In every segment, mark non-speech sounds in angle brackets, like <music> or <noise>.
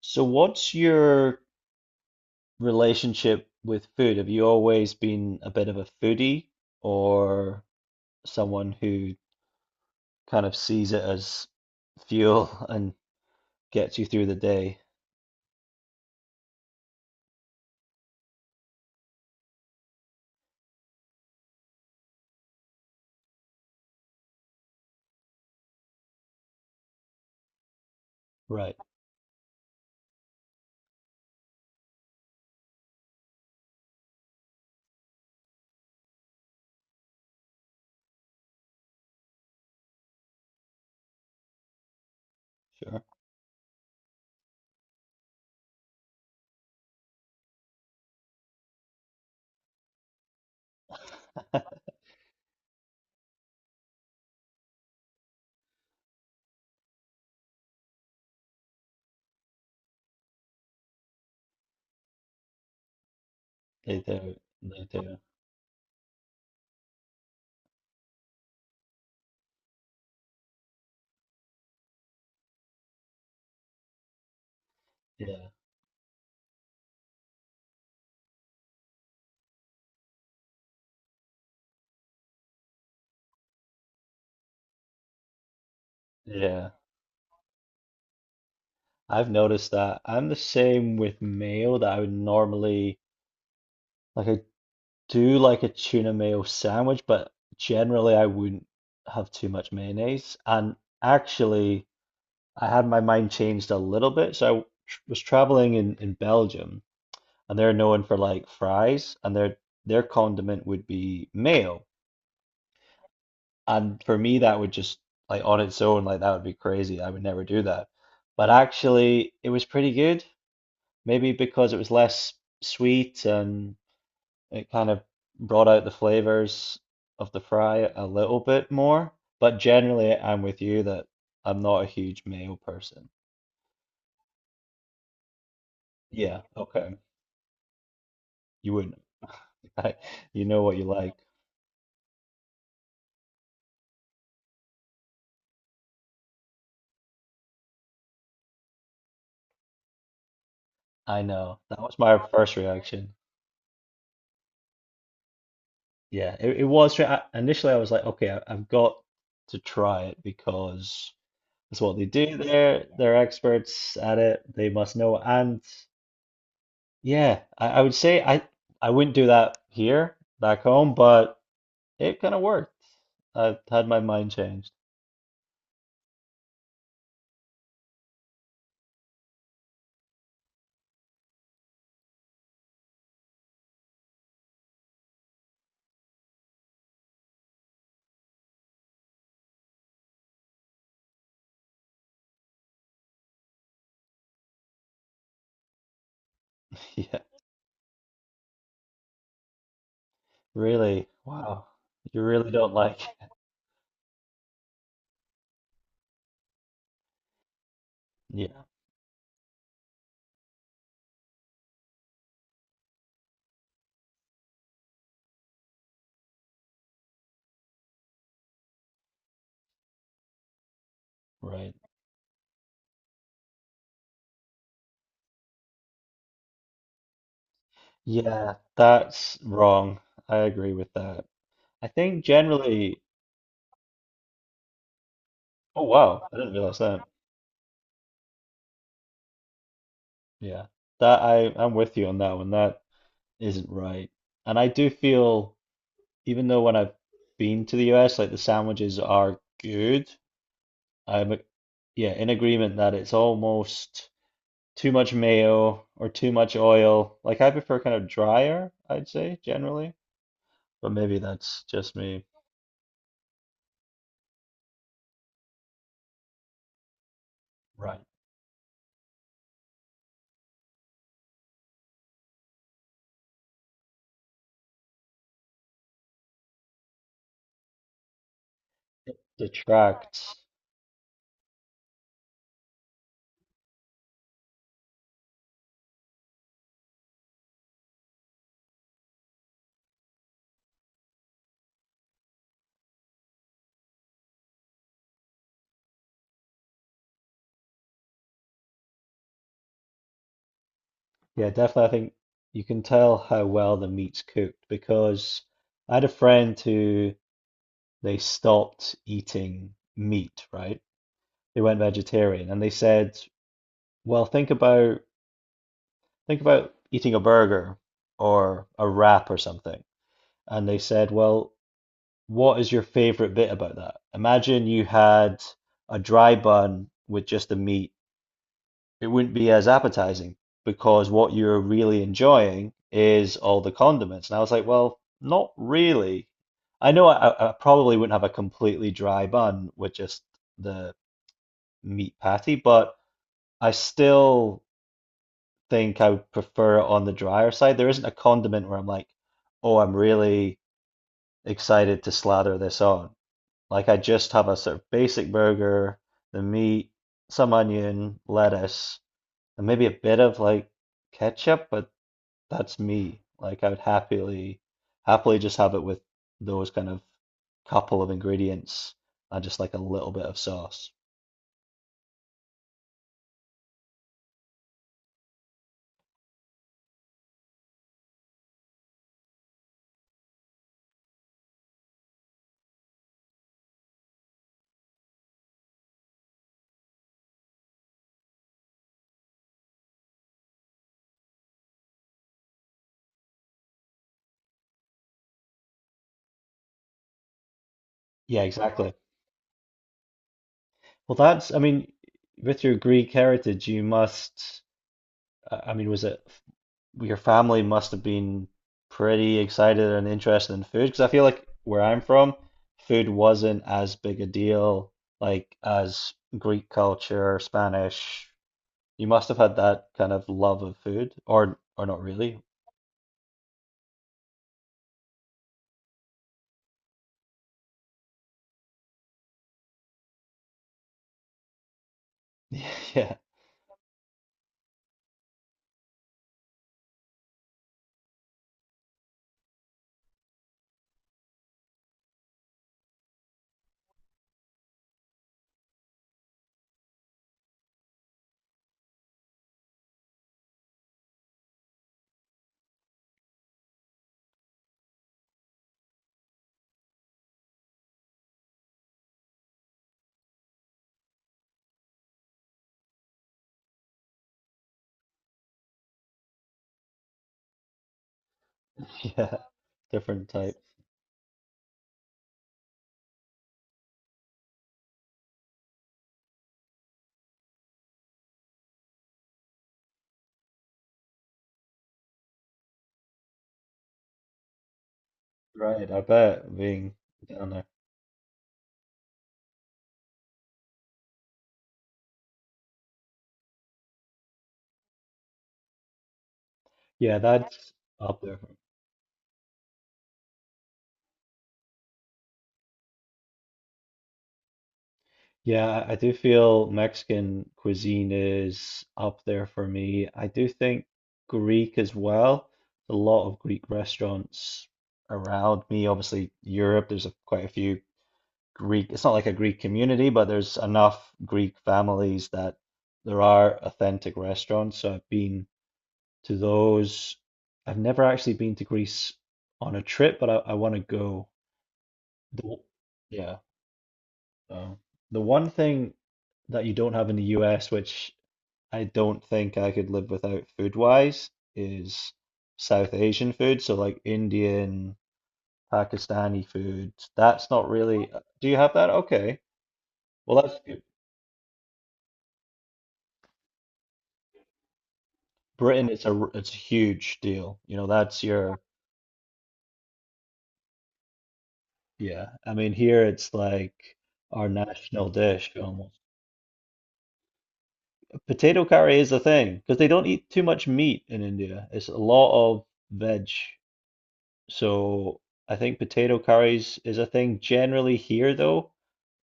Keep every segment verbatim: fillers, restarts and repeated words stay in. So what's your relationship with food? Have you always been a bit of a foodie or someone who kind of sees it as fuel <laughs> and gets you through the day? Right, sure. <laughs> They do. They do. Yeah. Yeah, I've noticed that. I'm the same with mayo that I would normally like I do like a tuna mayo sandwich, but generally I wouldn't have too much mayonnaise. And actually, I had my mind changed a little bit. So I w- tr- was traveling in, in Belgium, and they're known for like fries, and their their condiment would be mayo. And for me, that would just like on its own, like that would be crazy. I would never do that. But actually, it was pretty good. Maybe because it was less sweet and it kind of brought out the flavors of the fry a little bit more, but generally I'm with you that I'm not a huge mayo person. Yeah, okay. You wouldn't. <laughs> I, you know what you like. I know. That was my first reaction. Yeah, it, it was. I, initially, I was like, okay, I, I've got to try it because that's what they do there. They're experts at it. They must know. And yeah, I, I would say I, I wouldn't do that here back home, but it kind of worked. I've had my mind changed. <laughs> Yeah, really. Wow. You really don't like. <laughs> Yeah, right. Yeah, that's wrong. I agree with that. I think generally. Oh, wow. I didn't realize that. Yeah, that I I'm with you on that one. That isn't right. And I do feel, even though when I've been to the U S, like the sandwiches are good. I'm, yeah, in agreement that it's almost. Too much mayo or too much oil. Like I prefer kind of drier, I'd say generally, but maybe that's just me. Right. It detracts. Yeah, definitely. I think you can tell how well the meat's cooked because I had a friend who they stopped eating meat, right? They went vegetarian and they said, well, think about think about eating a burger or a wrap or something. And they said, well, what is your favorite bit about that? Imagine you had a dry bun with just the meat. It wouldn't be as appetizing because what you're really enjoying is all the condiments. And I was like, well, not really. I know I, I probably wouldn't have a completely dry bun with just the meat patty, but I still think I would prefer it on the drier side. There isn't a condiment where I'm like, oh, I'm really excited to slather this on. Like I just have a sort of basic burger, the meat, some onion, lettuce, and maybe a bit of like ketchup, but that's me. Like I would happily happily just have it with those kind of couple of ingredients and just like a little bit of sauce. Yeah, exactly. Well, that's, I mean, with your Greek heritage, you must, I I mean, was it your family must have been pretty excited and interested in food because I feel like where I'm from, food wasn't as big a deal like as Greek culture, Spanish. You must have had that kind of love of food, or or not really. <laughs> Yeah, yeah, different type. Right, I bet being down there. Yeah, that's up there. Yeah, I do feel Mexican cuisine is up there for me. I do think Greek as well. A lot of Greek restaurants around me. Obviously, Europe, there's a, quite a few Greek. It's not like a Greek community, but there's enough Greek families that there are authentic restaurants. So I've been to those. I've never actually been to Greece on a trip, but I, I want to go. The- Yeah. Oh. The one thing that you don't have in the U S, which I don't think I could live without food wise, is South Asian food. So, like Indian, Pakistani food. That's not really. uh, Do you have that? Okay. Well, that's good. Britain, it's a r- it's a huge deal. You know, that's your yeah. I mean, here it's like our national dish almost. Potato curry is a thing because they don't eat too much meat in India. It's a lot of veg. So I think potato curries is a thing generally here, though.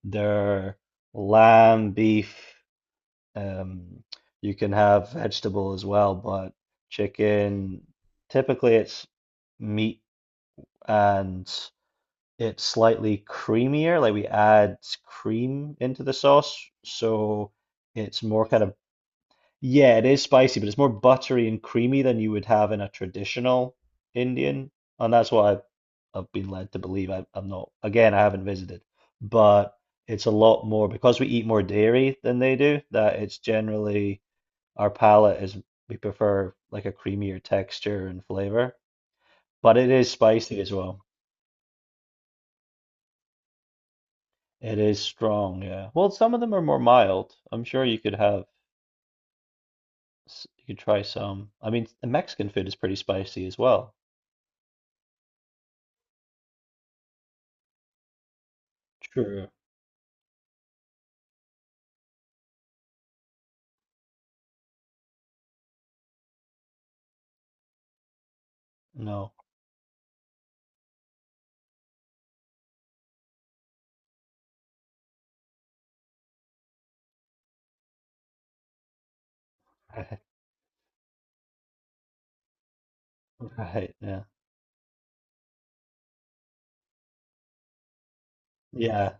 They're lamb, beef. Um, you can have vegetable as well, but chicken, typically it's meat and it's slightly creamier. Like we add cream into the sauce, so it's more kind of yeah, it is spicy, but it's more buttery and creamy than you would have in a traditional Indian, and that's what I, I've been led to believe. I, I'm not, again, I haven't visited, but it's a lot more because we eat more dairy than they do. That it's generally our palate is we prefer like a creamier texture and flavor, but it is spicy as well. It is strong, yeah. Well, some of them are more mild. I'm sure you could have, s- you could try some. I mean, the Mexican food is pretty spicy as well. True. No. <laughs> Right. Right. Yeah. Yeah.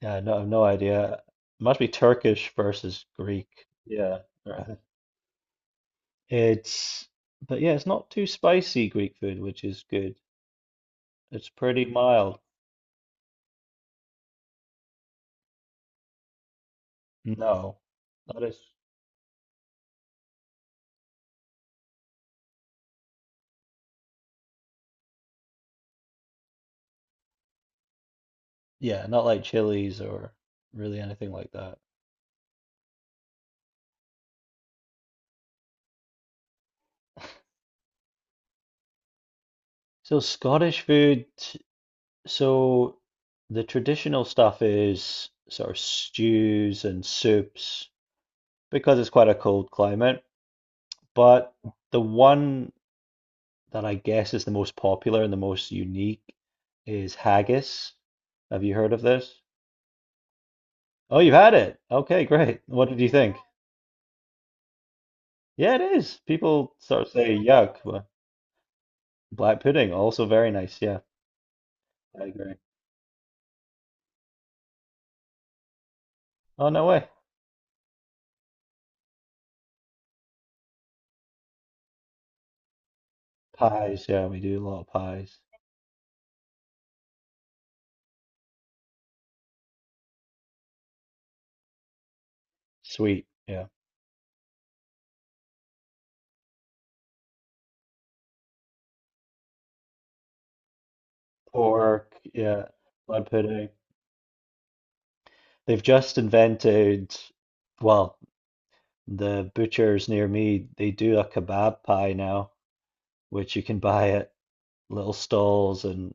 Yeah. No, I have no idea. Must be Turkish versus Greek. Yeah. Right. It's, but yeah, it's not too spicy Greek food, which is good. It's pretty mild. No. Not as, yeah, not like chilies or really anything like that. So Scottish food, so the traditional stuff is sort of stews and soups because it's quite a cold climate. But the one that I guess is the most popular and the most unique is haggis. Have you heard of this? Oh, you've had it. Okay, great. What did you think? Yeah, it is. People sort of say yuck, but black pudding also very nice. Yeah, I agree. Oh, no way. Pies. Yeah, we do a lot of pies. Sweet. Yeah. Pork. Yeah. Blood pudding. They've just invented, well, the butchers near me, they do a kebab pie now, which you can buy at little stalls, and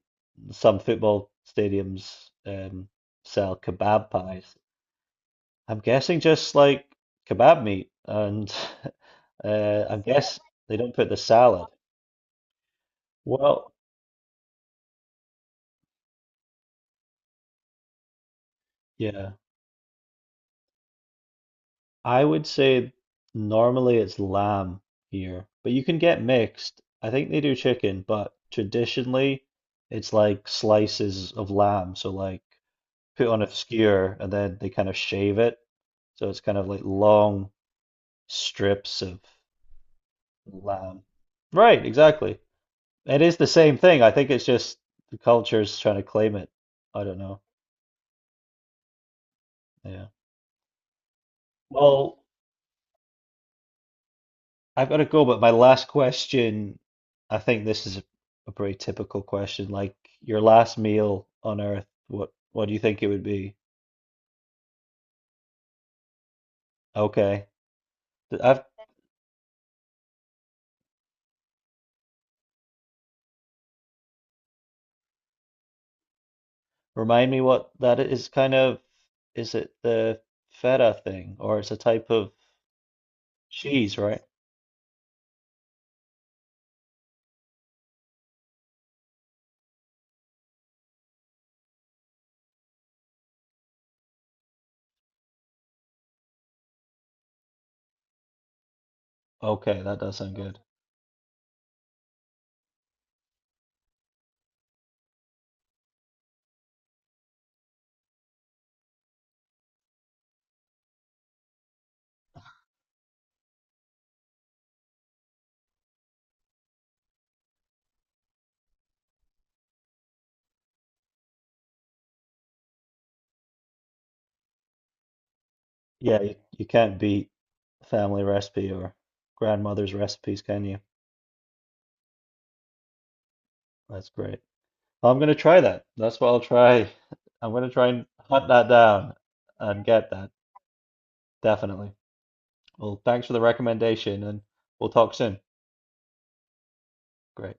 some football stadiums um, sell kebab pies. I'm guessing just like kebab meat, and <laughs> uh, I guess they don't put the salad. Well, yeah, I would say normally it's lamb here, but you can get mixed. I think they do chicken, but traditionally it's like slices of lamb. So like put on a skewer and then they kind of shave it. So it's kind of like long strips of lamb. Right, exactly. It is the same thing. I think it's just the culture's trying to claim it. I don't know. Yeah. Well, I've got to go, but my last question, I think this is a, a pretty typical question. Like your last meal on Earth, what what do you think it would be? Okay. Th- I've, remind me what that is kind of, is it the feta thing or it's a type of cheese, right? Okay, that does sound good. Yeah, you, you can't beat family recipe or grandmother's recipes, can you? That's great. Well, I'm gonna try that. That's what I'll try. I'm gonna try and hunt that down and get that, definitely. Well, thanks for the recommendation and we'll talk soon. Great.